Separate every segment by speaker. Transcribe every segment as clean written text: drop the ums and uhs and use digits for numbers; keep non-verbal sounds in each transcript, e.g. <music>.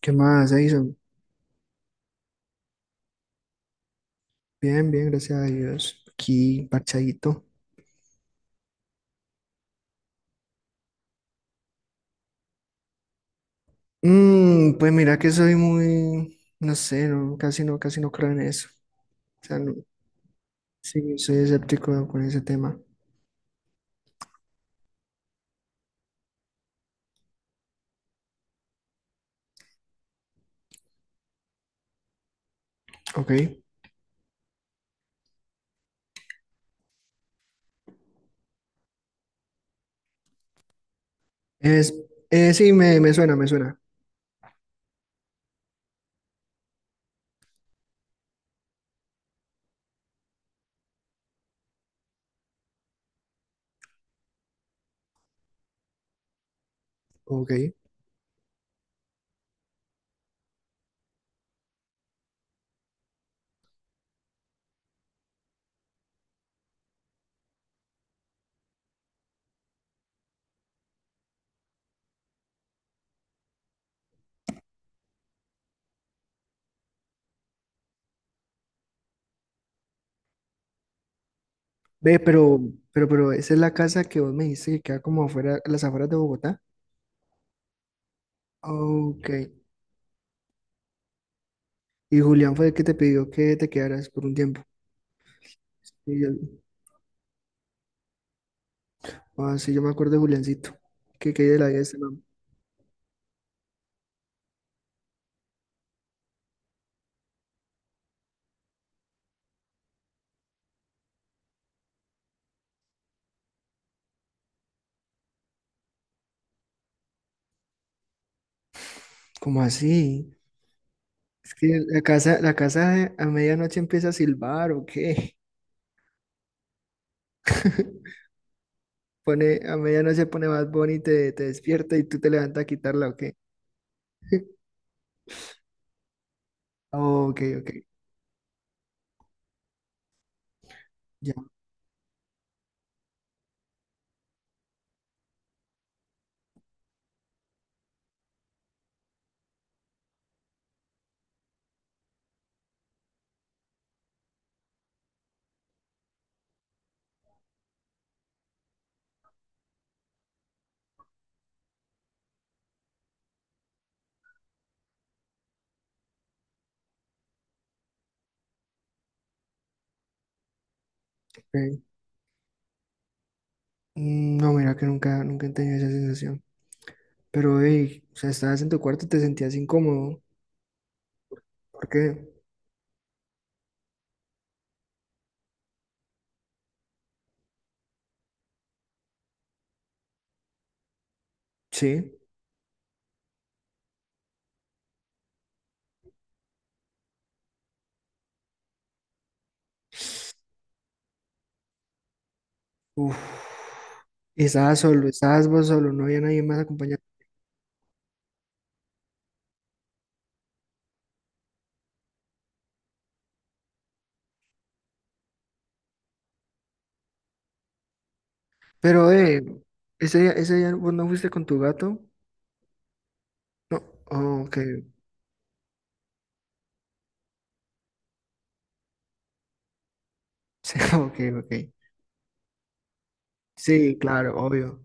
Speaker 1: ¿Qué más, Edison? Bien, bien, gracias a Dios. Aquí, parchadito. Pues mira que soy muy, no sé, no, casi no creo en eso. O sea, sí, soy escéptico con ese tema. Ok. Es, sí, me suena, me suena. Ok. Ve, pero ¿esa es la casa que vos me dijiste que queda como afuera, a las afueras de Bogotá? Ok. Y Julián fue el que te pidió que te quedaras por un tiempo. Sí, yo, ah, sí, yo me acuerdo de Juliancito. Que de la vida de ese man. ¿Cómo así? Es que la casa a medianoche empieza a silbar, ¿o qué? <laughs> Pone, a medianoche pone más Bunny y te despierta y tú te levantas a quitarla, ¿o qué? <laughs> Oh, ok, ok, ya. Ok. No, mira que nunca, nunca he tenido esa sensación. Pero, hey, o sea, estabas en tu cuarto y te sentías incómodo. ¿Por qué? Sí. Uf. Y estabas solo, estabas vos solo, no había nadie más acompañado. Pero, ese día vos no fuiste con tu gato. No, oh, ok, <laughs> sí, ok, ok. Sí, claro, obvio.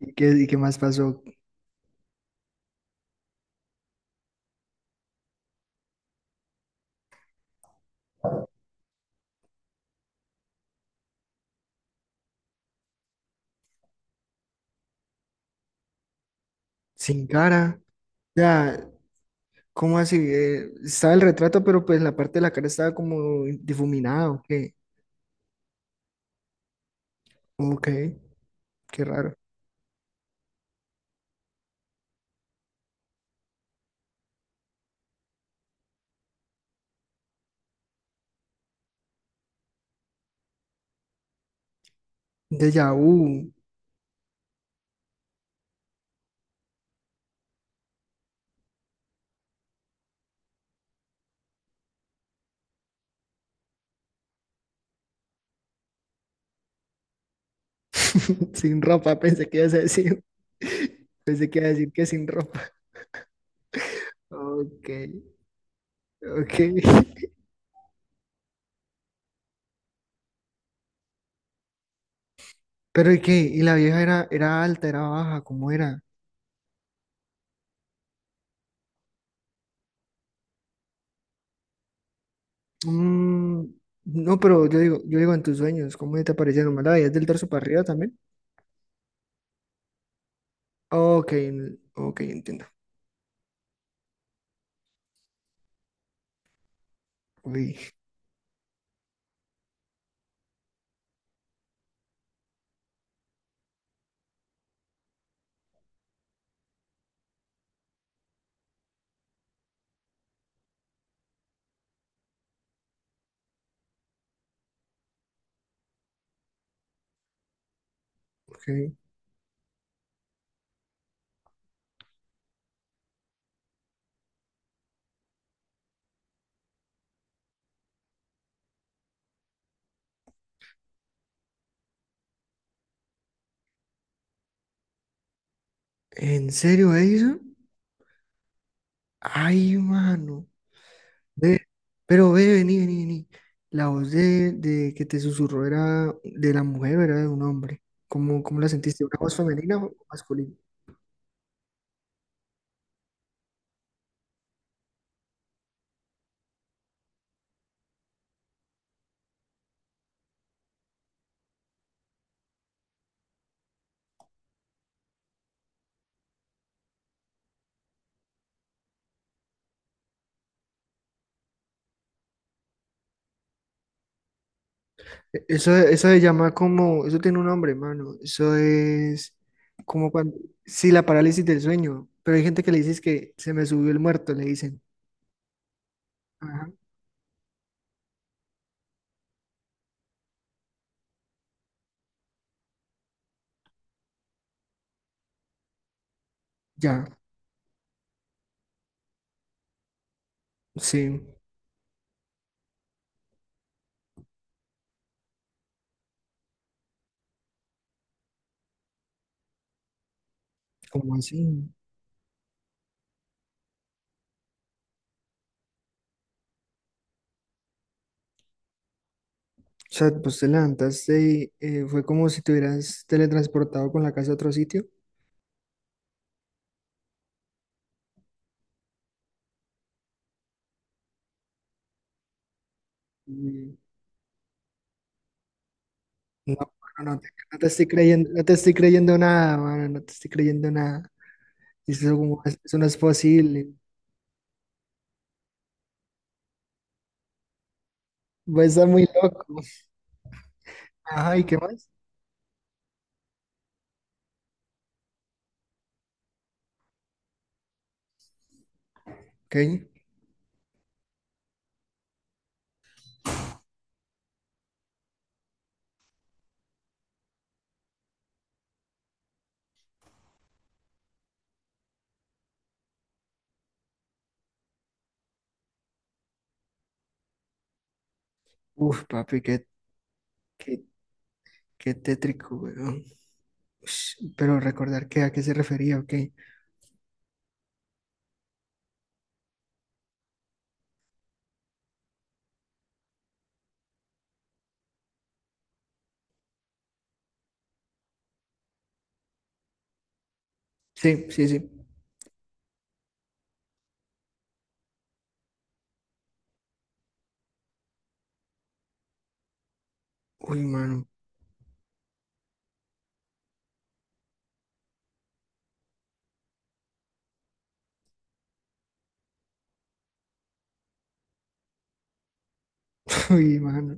Speaker 1: Y qué más pasó? Sin cara. Ya, ¿cómo así? Estaba el retrato, pero pues la parte de la cara estaba como difuminada, ¿o qué? Ok, qué raro. Déjà vu. <laughs> Sin ropa, pensé que ibas a decir. <laughs> Pensé que ibas a decir que sin ropa. Ok, ok. <laughs> Pero ¿y qué? ¿Y la vieja era, era alta, era baja? ¿Cómo era? Mm, no, pero yo digo en tus sueños, ¿cómo te aparecieron? ¿Más la veías del torso para arriba también? Ok, ok, entiendo. Uy, ok. ¿En serio, Edison? Ay, mano. Ve, pero ve, vení, vení, vení. La voz de que te susurró era de la mujer, era de un hombre. ¿Cómo la sentiste? ¿Una voz femenina o masculina? Eso, eso se llama como, eso tiene un nombre, mano. Eso es como cuando, sí, la parálisis del sueño. Pero hay gente que le dice es que se me subió el muerto, le dicen. Ajá. Ya, sí, ¿cómo así? O sea, pues te levantaste y fue como si te hubieras teletransportado con la casa a otro sitio. Mm. No, no, no te estoy creyendo, no te estoy creyendo nada, mano, no te estoy creyendo nada. Eso, como, eso no es posible. Va a estar muy loco. Ajá, ¿y qué más? Ok. Uf, papi, qué, qué tétrico, weón. Ush, pero recordar que a qué se refería, ok. Sí, sí, sí. Uy, mano, <laughs> uy, mano.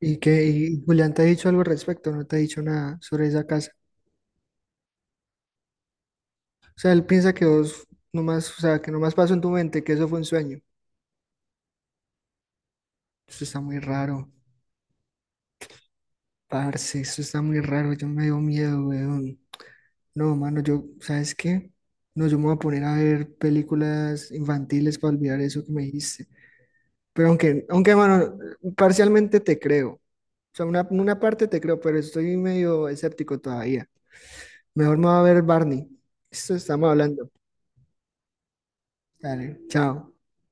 Speaker 1: ¿Y qué? ¿Y Julián te ha dicho algo al respecto? ¿No te ha dicho nada sobre esa casa? O sea, él piensa que vos nomás, o sea, que nomás pasó en tu mente, que eso fue un sueño. Eso está muy raro, parce, eso está muy raro, yo me dio miedo, weón. No, mano, yo, ¿sabes qué? No, yo me voy a poner a ver películas infantiles para olvidar eso que me dijiste. Pero aunque, aunque, mano, parcialmente te creo. O sea, una parte te creo, pero estoy medio escéptico todavía. Mejor me voy a ver Barney. Esto estamos hablando. Dale, chao.